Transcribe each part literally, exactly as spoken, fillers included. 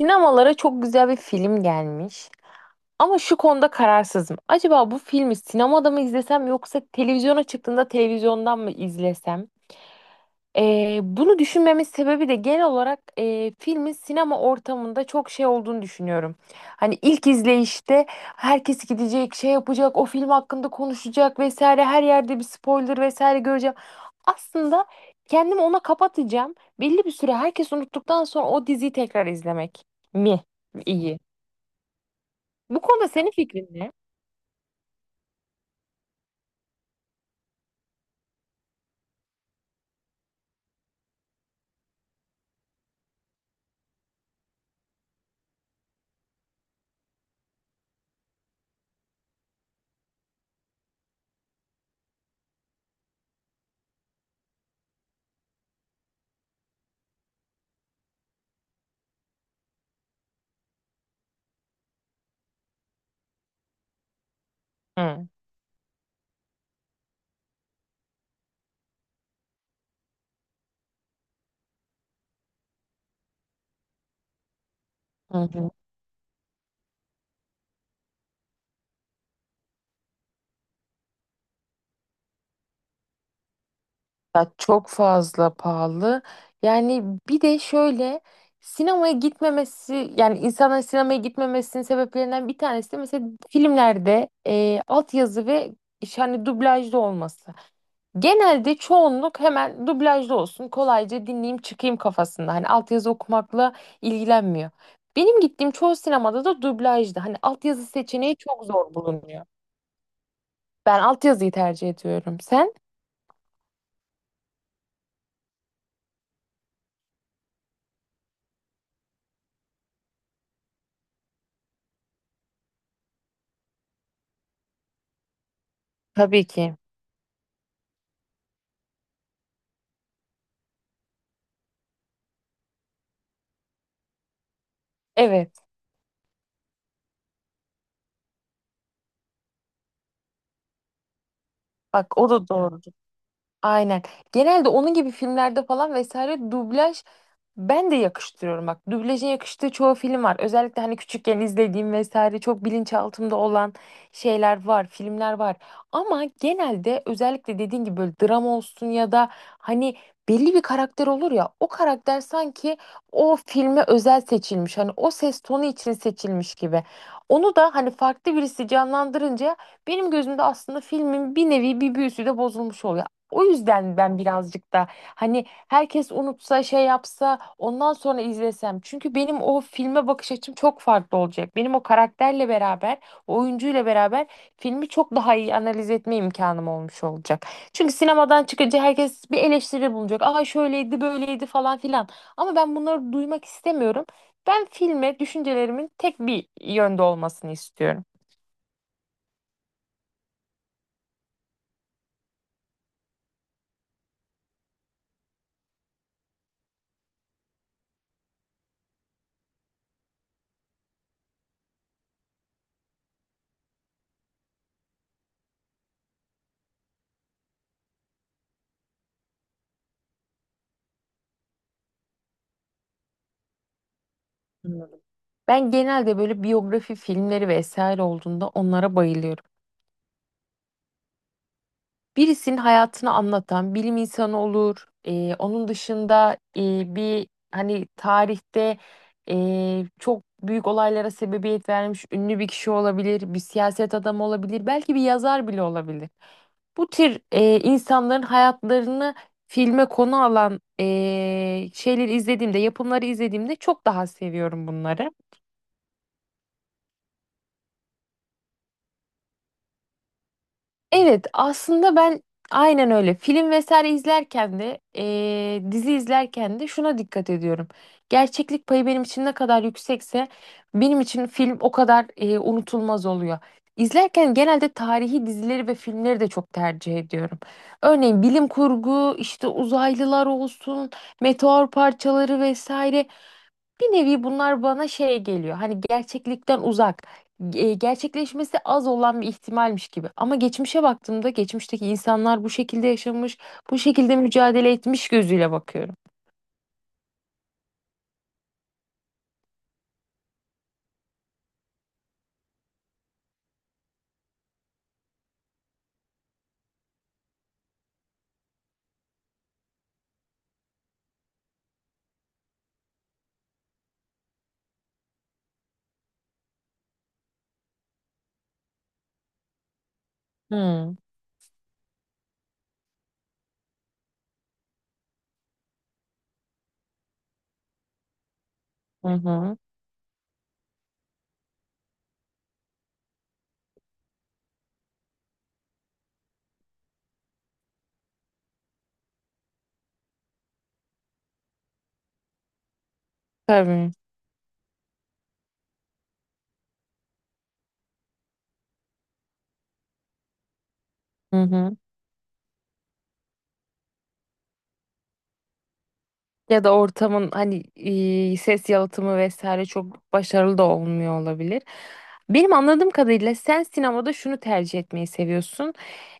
Sinemalara çok güzel bir film gelmiş. Ama şu konuda kararsızım. Acaba bu filmi sinemada mı izlesem yoksa televizyona çıktığında televizyondan mı izlesem? Ee, bunu düşünmemin sebebi de genel olarak e, filmin sinema ortamında çok şey olduğunu düşünüyorum. Hani ilk izleyişte herkes gidecek, şey yapacak, o film hakkında konuşacak vesaire, her yerde bir spoiler vesaire göreceğim. Aslında kendimi ona kapatacağım. Belli bir süre herkes unuttuktan sonra o diziyi tekrar izlemek mi iyi? Bu konuda senin fikrin ne? Hı. Hı hı. Ya çok fazla pahalı. Yani bir de şöyle sinemaya gitmemesi yani insanların sinemaya gitmemesinin sebeplerinden bir tanesi de mesela filmlerde e, altyazı ve iş- hani dublajlı olması. Genelde çoğunluk hemen dublajlı olsun kolayca dinleyeyim çıkayım kafasında. Hani altyazı okumakla ilgilenmiyor. Benim gittiğim çoğu sinemada da dublajdı. Hani altyazı seçeneği çok zor bulunuyor. Ben altyazıyı tercih ediyorum. Sen? Tabii ki. Evet. Bak o da doğru. Aynen. Genelde onun gibi filmlerde falan vesaire dublaj ben de yakıştırıyorum bak. Dublaja yakıştığı çoğu film var. Özellikle hani küçükken izlediğim vesaire çok bilinçaltımda olan şeyler var, filmler var. Ama genelde özellikle dediğin gibi böyle drama olsun ya da hani belli bir karakter olur ya o karakter sanki o filme özel seçilmiş. Hani o ses tonu için seçilmiş gibi. Onu da hani farklı birisi canlandırınca benim gözümde aslında filmin bir nevi bir büyüsü de bozulmuş oluyor. O yüzden ben birazcık da hani herkes unutsa şey yapsa ondan sonra izlesem. Çünkü benim o filme bakış açım çok farklı olacak. Benim o karakterle beraber, o oyuncuyla beraber filmi çok daha iyi analiz etme imkanım olmuş olacak. Çünkü sinemadan çıkınca herkes bir eleştiri bulacak. Aa şöyleydi, böyleydi falan filan. Ama ben bunları duymak istemiyorum. Ben filme düşüncelerimin tek bir yönde olmasını istiyorum. Anladım. Ben genelde böyle biyografi filmleri vesaire olduğunda onlara bayılıyorum. Birisinin hayatını anlatan bilim insanı olur. Ee, onun dışında e, bir hani tarihte e, çok büyük olaylara sebebiyet vermiş ünlü bir kişi olabilir, bir siyaset adamı olabilir, belki bir yazar bile olabilir. Bu tür e, insanların hayatlarını filme konu alan e, şeyleri izlediğimde, yapımları izlediğimde çok daha seviyorum bunları. Evet, aslında ben aynen öyle. Film vesaire izlerken de, eee, dizi izlerken de şuna dikkat ediyorum. Gerçeklik payı benim için ne kadar yüksekse benim için film o kadar eee, unutulmaz oluyor. İzlerken genelde tarihi dizileri ve filmleri de çok tercih ediyorum. Örneğin bilim kurgu, işte uzaylılar olsun, meteor parçaları vesaire. Bir nevi bunlar bana şey geliyor. Hani gerçeklikten uzak, e, gerçekleşmesi az olan bir ihtimalmiş gibi. Ama geçmişe baktığımda geçmişteki insanlar bu şekilde yaşamış, bu şekilde mücadele etmiş gözüyle bakıyorum. Hmm. Hı hı. Tabii. Hı hı. Ya da ortamın hani e, ses yalıtımı vesaire çok başarılı da olmuyor olabilir. Benim anladığım kadarıyla sen sinemada şunu tercih etmeyi seviyorsun.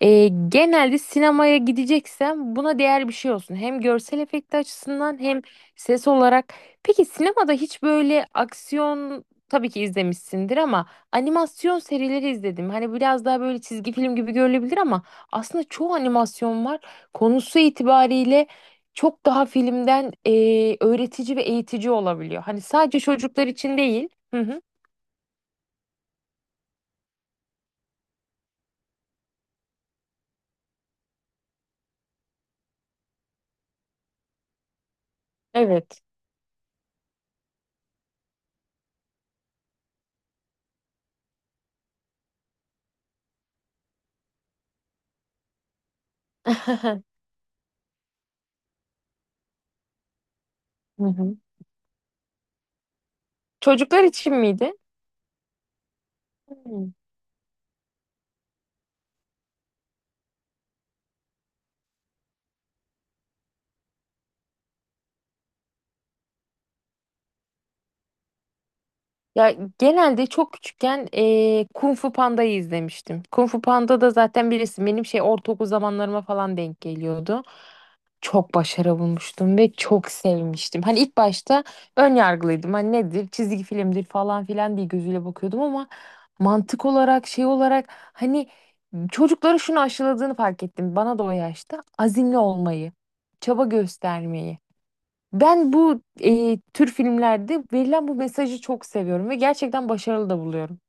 E, genelde sinemaya gideceksem buna değer bir şey olsun. Hem görsel efekti açısından hem ses olarak. Peki sinemada hiç böyle aksiyon tabii ki izlemişsindir ama animasyon serileri izledim. Hani biraz daha böyle çizgi film gibi görülebilir ama aslında çoğu animasyon var. Konusu itibariyle çok daha filmden e, öğretici ve eğitici olabiliyor. Hani sadece çocuklar için değil. Hı hı. Evet. Hı hı. Çocuklar için miydi? Ya genelde çok küçükken eee Kung Fu Panda'yı izlemiştim. Kung Fu Panda da zaten birisi benim şey ortaokul zamanlarıma falan denk geliyordu. Çok başarı bulmuştum ve çok sevmiştim. Hani ilk başta ön yargılıydım. Hani nedir çizgi filmdir falan filan diye gözüyle bakıyordum ama mantık olarak şey olarak hani çocukları şunu aşıladığını fark ettim. Bana da o yaşta azimli olmayı, çaba göstermeyi. Ben bu e, tür filmlerde verilen bu mesajı çok seviyorum ve gerçekten başarılı da buluyorum.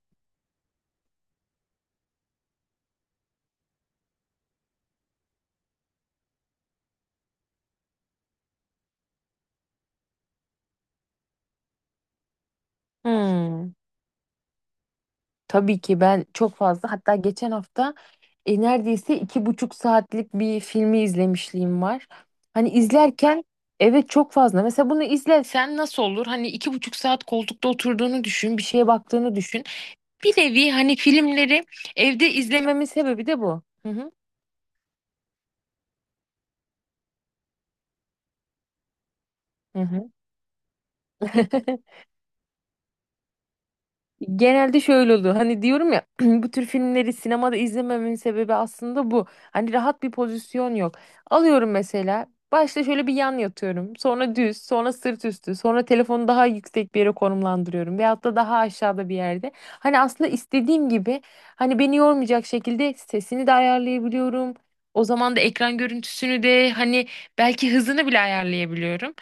Hmm. Tabii ki ben çok fazla hatta geçen hafta e, neredeyse iki buçuk saatlik bir filmi izlemişliğim var. Hani izlerken evet çok fazla. Mesela bunu izlesen nasıl olur? Hani iki buçuk saat koltukta oturduğunu düşün, bir şeye baktığını düşün. Bir nevi hani filmleri evde izlememin sebebi de bu. Hı hı. Hı hı. Genelde şöyle oluyor. Hani diyorum ya bu tür filmleri sinemada izlememin sebebi aslında bu. Hani rahat bir pozisyon yok. Alıyorum mesela. Başta şöyle bir yan yatıyorum. Sonra düz, sonra sırt üstü, sonra telefonu daha yüksek bir yere konumlandırıyorum veyahut da daha aşağıda bir yerde. Hani aslında istediğim gibi hani beni yormayacak şekilde sesini de ayarlayabiliyorum. O zaman da ekran görüntüsünü de hani belki hızını bile ayarlayabiliyorum.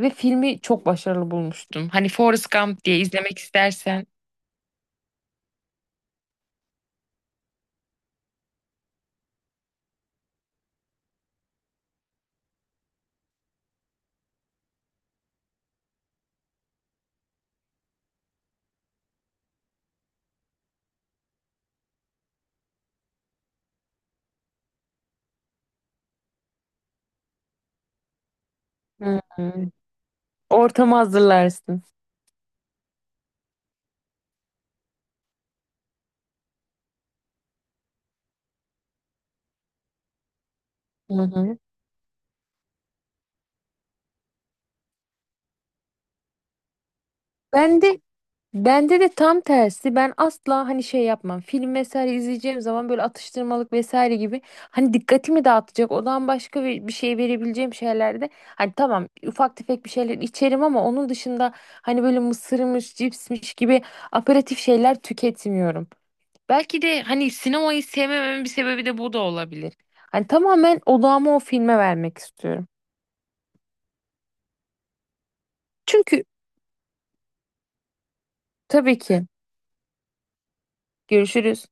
Ve filmi çok başarılı bulmuştum. Hani Forrest Gump diye izlemek istersen. Hı hı. Ortamı hazırlarsın. Hı hı. Ben de bende de tam tersi. Ben asla hani şey yapmam. Film vesaire izleyeceğim zaman böyle atıştırmalık vesaire gibi hani dikkatimi dağıtacak. Odan başka bir, bir şey verebileceğim şeylerde hani tamam ufak tefek bir şeyler içerim ama onun dışında hani böyle mısırmış, cipsmiş gibi aperatif şeyler tüketmiyorum. Belki de hani sinemayı sevmememin bir sebebi de bu da olabilir. Hani tamamen odağımı o filme vermek istiyorum. Çünkü tabii ki. Görüşürüz.